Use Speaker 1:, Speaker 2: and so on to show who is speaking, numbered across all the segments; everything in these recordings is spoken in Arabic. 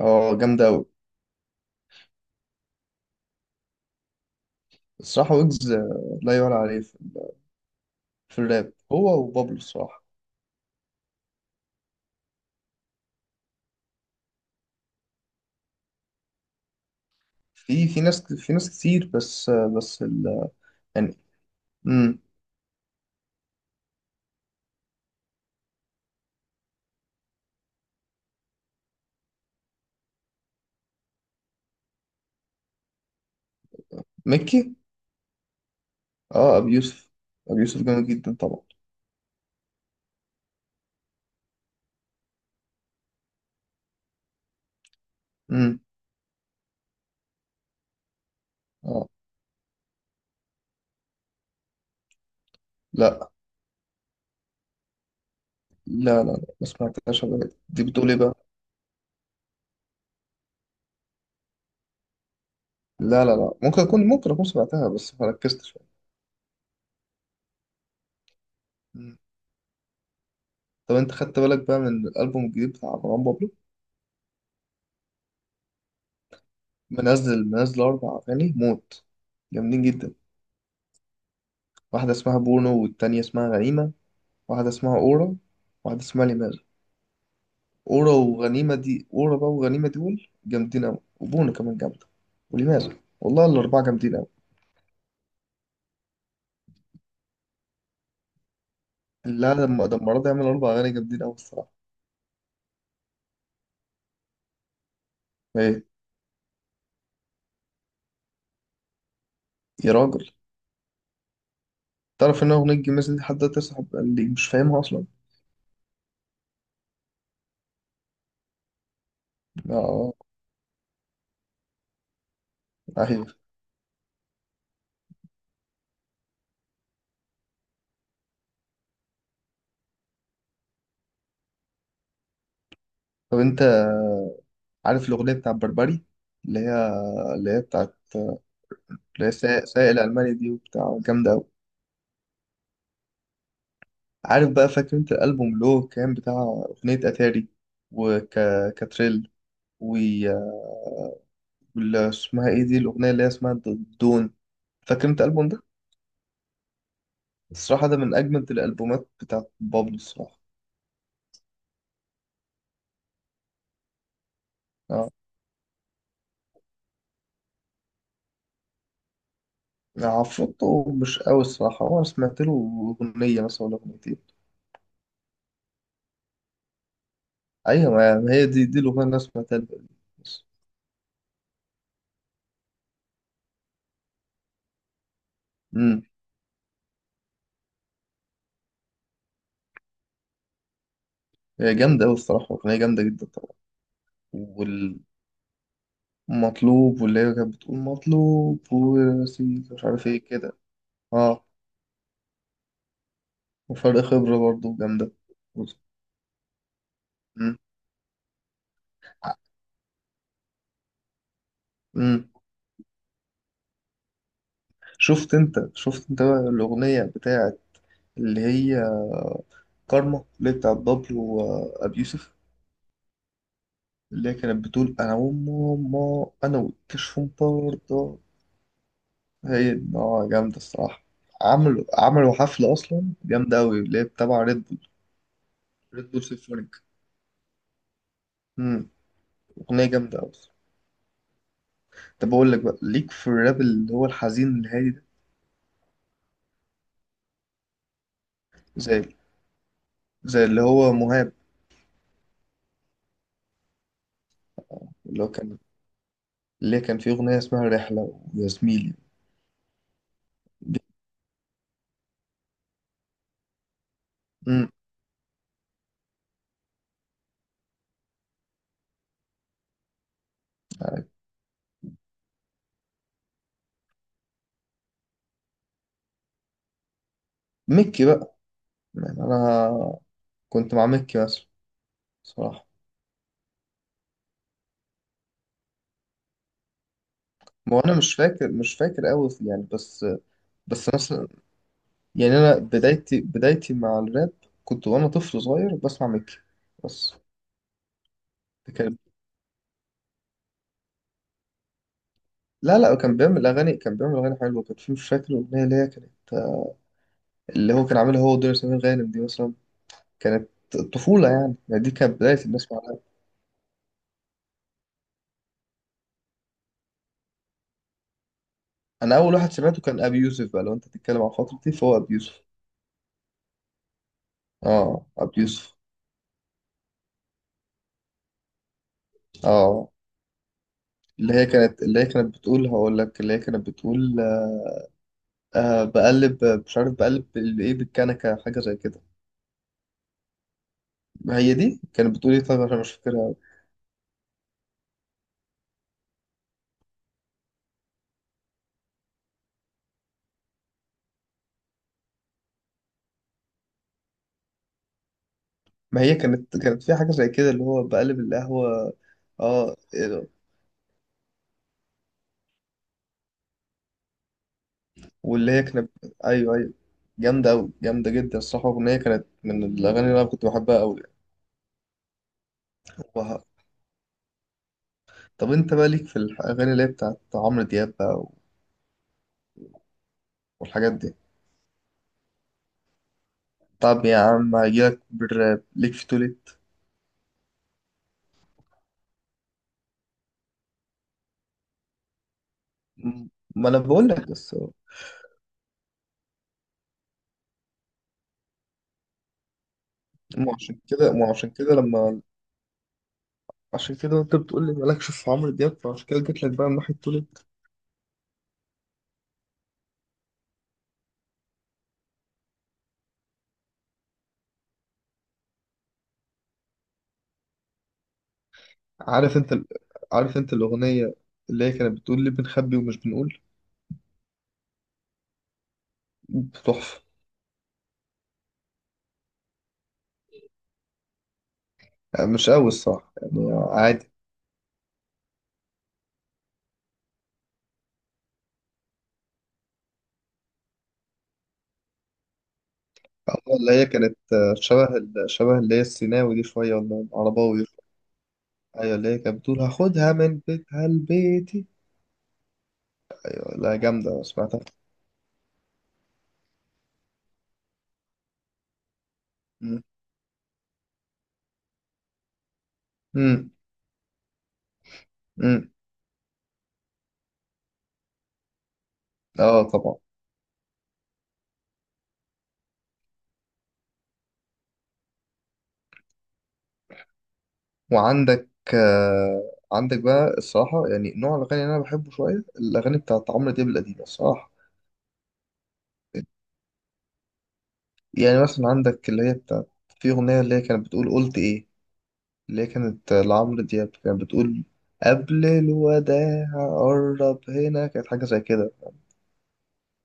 Speaker 1: اه، جامدة أوي. الصراحة ويجز لا يعلى عليه في الراب، هو وبابلو الصراحة. في ناس كتير، بس يعني. امم مكي. اه، أبي يوسف. أبي يوسف جامد جدا طبعا. امم. اه، لا لا لا لا ما سمعتهاش قبل كده. دي بتقول ايه بقى؟ لا لا لا، ممكن أكون سمعتها، بس ما ركزتش. مم. طب أنت خدت بالك بقى من الألبوم الجديد بتاع مروان بابلو؟ منزل أربع أغاني موت، جامدين جدا. واحدة اسمها بونو، والتانية اسمها غنيمة. واحدة اسمها أورا. واحدة اسمها ليمارا. أورا وغنيمة دي، أورا بقى وغنيمة دول جامدين أوي، وبونا كمان جامدة. وليمارا، والله الأربعة جامدين أوي. لا، لما ده المرة دي عمل أربع أغاني جامدين أوي، الصراحة. إيه؟ يا راجل! تعرف إن أغنية جميز دي حد تصاحب اللي مش فاهمها أصلا؟ آه. أيوة. طب أنت عارف الأغنية بتاع بربري، اللي هي اللي هي بتاعت، اللي هي سايق الألماني دي وبتاع؟ جامدة أوي. عارف بقى، فاكر أنت الألبوم اللي هو كان بتاع أغنية أتاري وكاتريل، اسمها ايه دي، الاغنيه اللي هي اسمها دون؟ فاكر انت الالبوم ده؟ الصراحه، ده من اجمد الالبومات بتاعت بابلو الصراحه. اه. عفروتو مش قوي الصراحه، هو انا سمعت له اغنيه مثلا ولا اغنيتين. ايوه، ما هي دي الاغنيه اللي انا سمعتها له. بس. امم هي جامده قوي الصراحه، اغنيه جامده جدا طبعا. والمطلوب، واللي هي كانت بتقول مطلوب ورصيد، مش عارف ايه كده. اه. وفرق خبره برضه جامده. امم. امم. شفت انت بقى الاغنيه بتاعه، اللي هي كارما، اللي هي بتاعت بابلو وأبي يوسف؟ اللي هي كانت بتقول أنا وماما، أنا والكشف برضه. هي دي. آه، جامدة الصراحة. عملوا حفلة أصلا جامدة أوي، اللي هي تبع ريد بول. ريد بول سيمفونيك. أمم، أغنية جامدة أوي. طب أقول لك بقى، ليك في الراب اللي هو الحزين الهادي ده؟ زي زي اللي هو مهاب. اللي هو كان اللي هي كان فيه أغنية اسمها رحلة ويا زميلي. أمم، مكي بقى. يعني أنا. كنت مع مكي مثلا. صراحة. ما هو انا مش فاكر قوي يعني بس. بس مثلا. يعني انا بدايتي مع الراب. كنت وانا طفل صغير بسمع ميكي. بس. كان. لا لا، كان بيعمل اغاني حلوه. كان في، مش فاكر الاغنيه اللي هي كانت، اللي هو كان عاملها هو ودنيا سمير غانم دي مثلا. كانت. طفوله. يعني دي كانت بدايه الناس مع الراب. انا اول واحد سمعته كان ابي يوسف، بقى لو انت بتتكلم عن فترتي فهو ابي يوسف. اه، ابي يوسف. اه. اللي هي كانت بتقول، هقول لك، اللي هي كانت بتقول، آه، بقلب، مش عارف، بقلب بايه بالكنكه، حاجه زي كده. ما هي دي كانت بتقول ايه، طيب، عشان مش فاكرها أوي. ما هي كانت في حاجه زي كده، اللي هو بقلب القهوه. اه، إيه ده؟ واللي هي كانت. ايوه، ايوه. جامده قوي، جامده جدا الصراحه، الاغنيه كانت من الاغاني اللي انا كنت بحبها قوي. طب انت بقى، ليك في الاغاني اللي هي بتاعت عمرو دياب بقى؟ والحاجات دي؟ طب يا عم، هجيلك بالراب، ليك في توليت؟ م- ما انا بقول لك بس. مو عشان كده مو عشان كده لما عشان كده انت بتقول لي مالكش في عمرو دياب، فعشان كده جيت لك بقى من ناحيه تولد. عارف انت عارف انت الاغنيه، اللي هي كانت بتقول لي، بنخبي ومش بنقول؟ تحفه. يعني مش قوي الصراحه، يعني عادي. أما اللي هي كانت، شبه اللي هي السيناوي دي شويه، ولا العرباوي دي شوية. ايوه، اللي هي كانت بتقول هاخدها من بيتها لبيتي. أيوة، لا جامده سمعتها. امم. امم. اه، طبعا. وعندك آه، عندك بقى الصراحة، يعني نوع الأغاني اللي أنا بحبه شوية، الأغاني بتاعت عمرو دياب القديمة، الصراحة. يعني مثلا عندك اللي هي بتاعت. في أغنية اللي هي كانت بتقول، قلت إيه؟ اللي هي كانت لعمرو دياب، كانت بتقول، قبل الوداع، قرب هنا، كانت حاجة زي كده.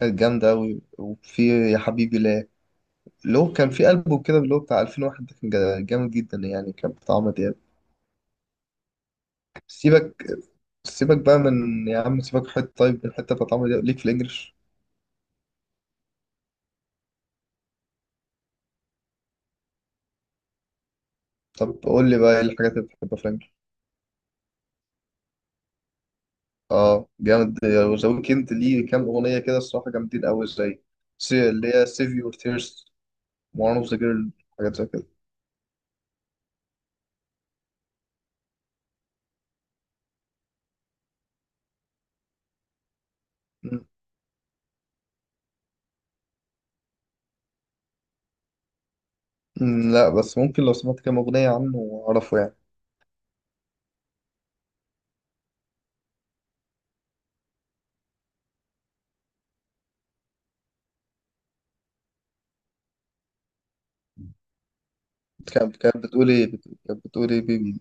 Speaker 1: كانت جامدة أوي، وفي. يا حبيبي لا. اللي هو كان في ألبوم كده، اللي هو بتاع 2001 ده، كان جامد جدا، يعني كان بتاع عمرو دياب. سيبك سيبك بقى من، يا عم سيبك حتة، طيب، من الحتة بتاعت عمرو دياب، ليك في الإنجليش؟ طب قول لي بقى، ايه الحاجات اللي بتحبها فرانك؟ اه، جامد. ذا ويكند ليه كام اغنيه كده الصراحه، جامدين قوي، زي اللي هي سيف يور تيرز، وان اوف ذا جيرل، حاجات زي كده. مم. مم، لا بس، ممكن لو سمعت كام اغنيه عنه اعرفه يعني. كانت بتقول ايه، كانت بتقول ايه، بيبي؟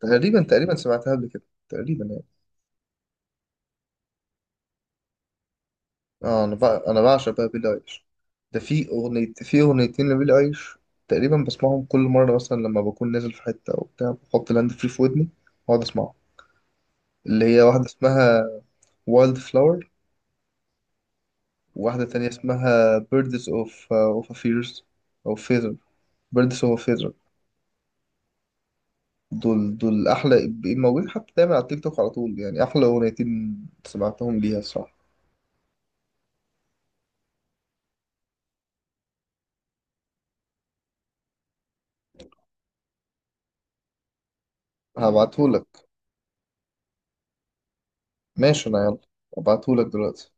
Speaker 1: تقريبا سمعتها قبل كده. تقريبا يعني. اه، انا بقى انا بعشق بقى بيلي ايليش. ده في اغنيتين لبيلي ايليش. تقريبا بسمعهم كل مره، مثلا لما بكون نازل في حته او بتاع، بحط لاند فري في ودني، واقعد اسمعهم. اللي هي واحدة اسمها وايلد فلاور، وواحدة تانية اسمها بيردز اوف فيرز، او فيزر. بيردز اوف فيزر. دول أحلى موجودين حتى دايما على التيك توك على طول، يعني أحلى أغنيتين سمعتهم ليها الصراحة. هبعتهولك. ماشي، أنا يلا هبعتهولك دلوقتي.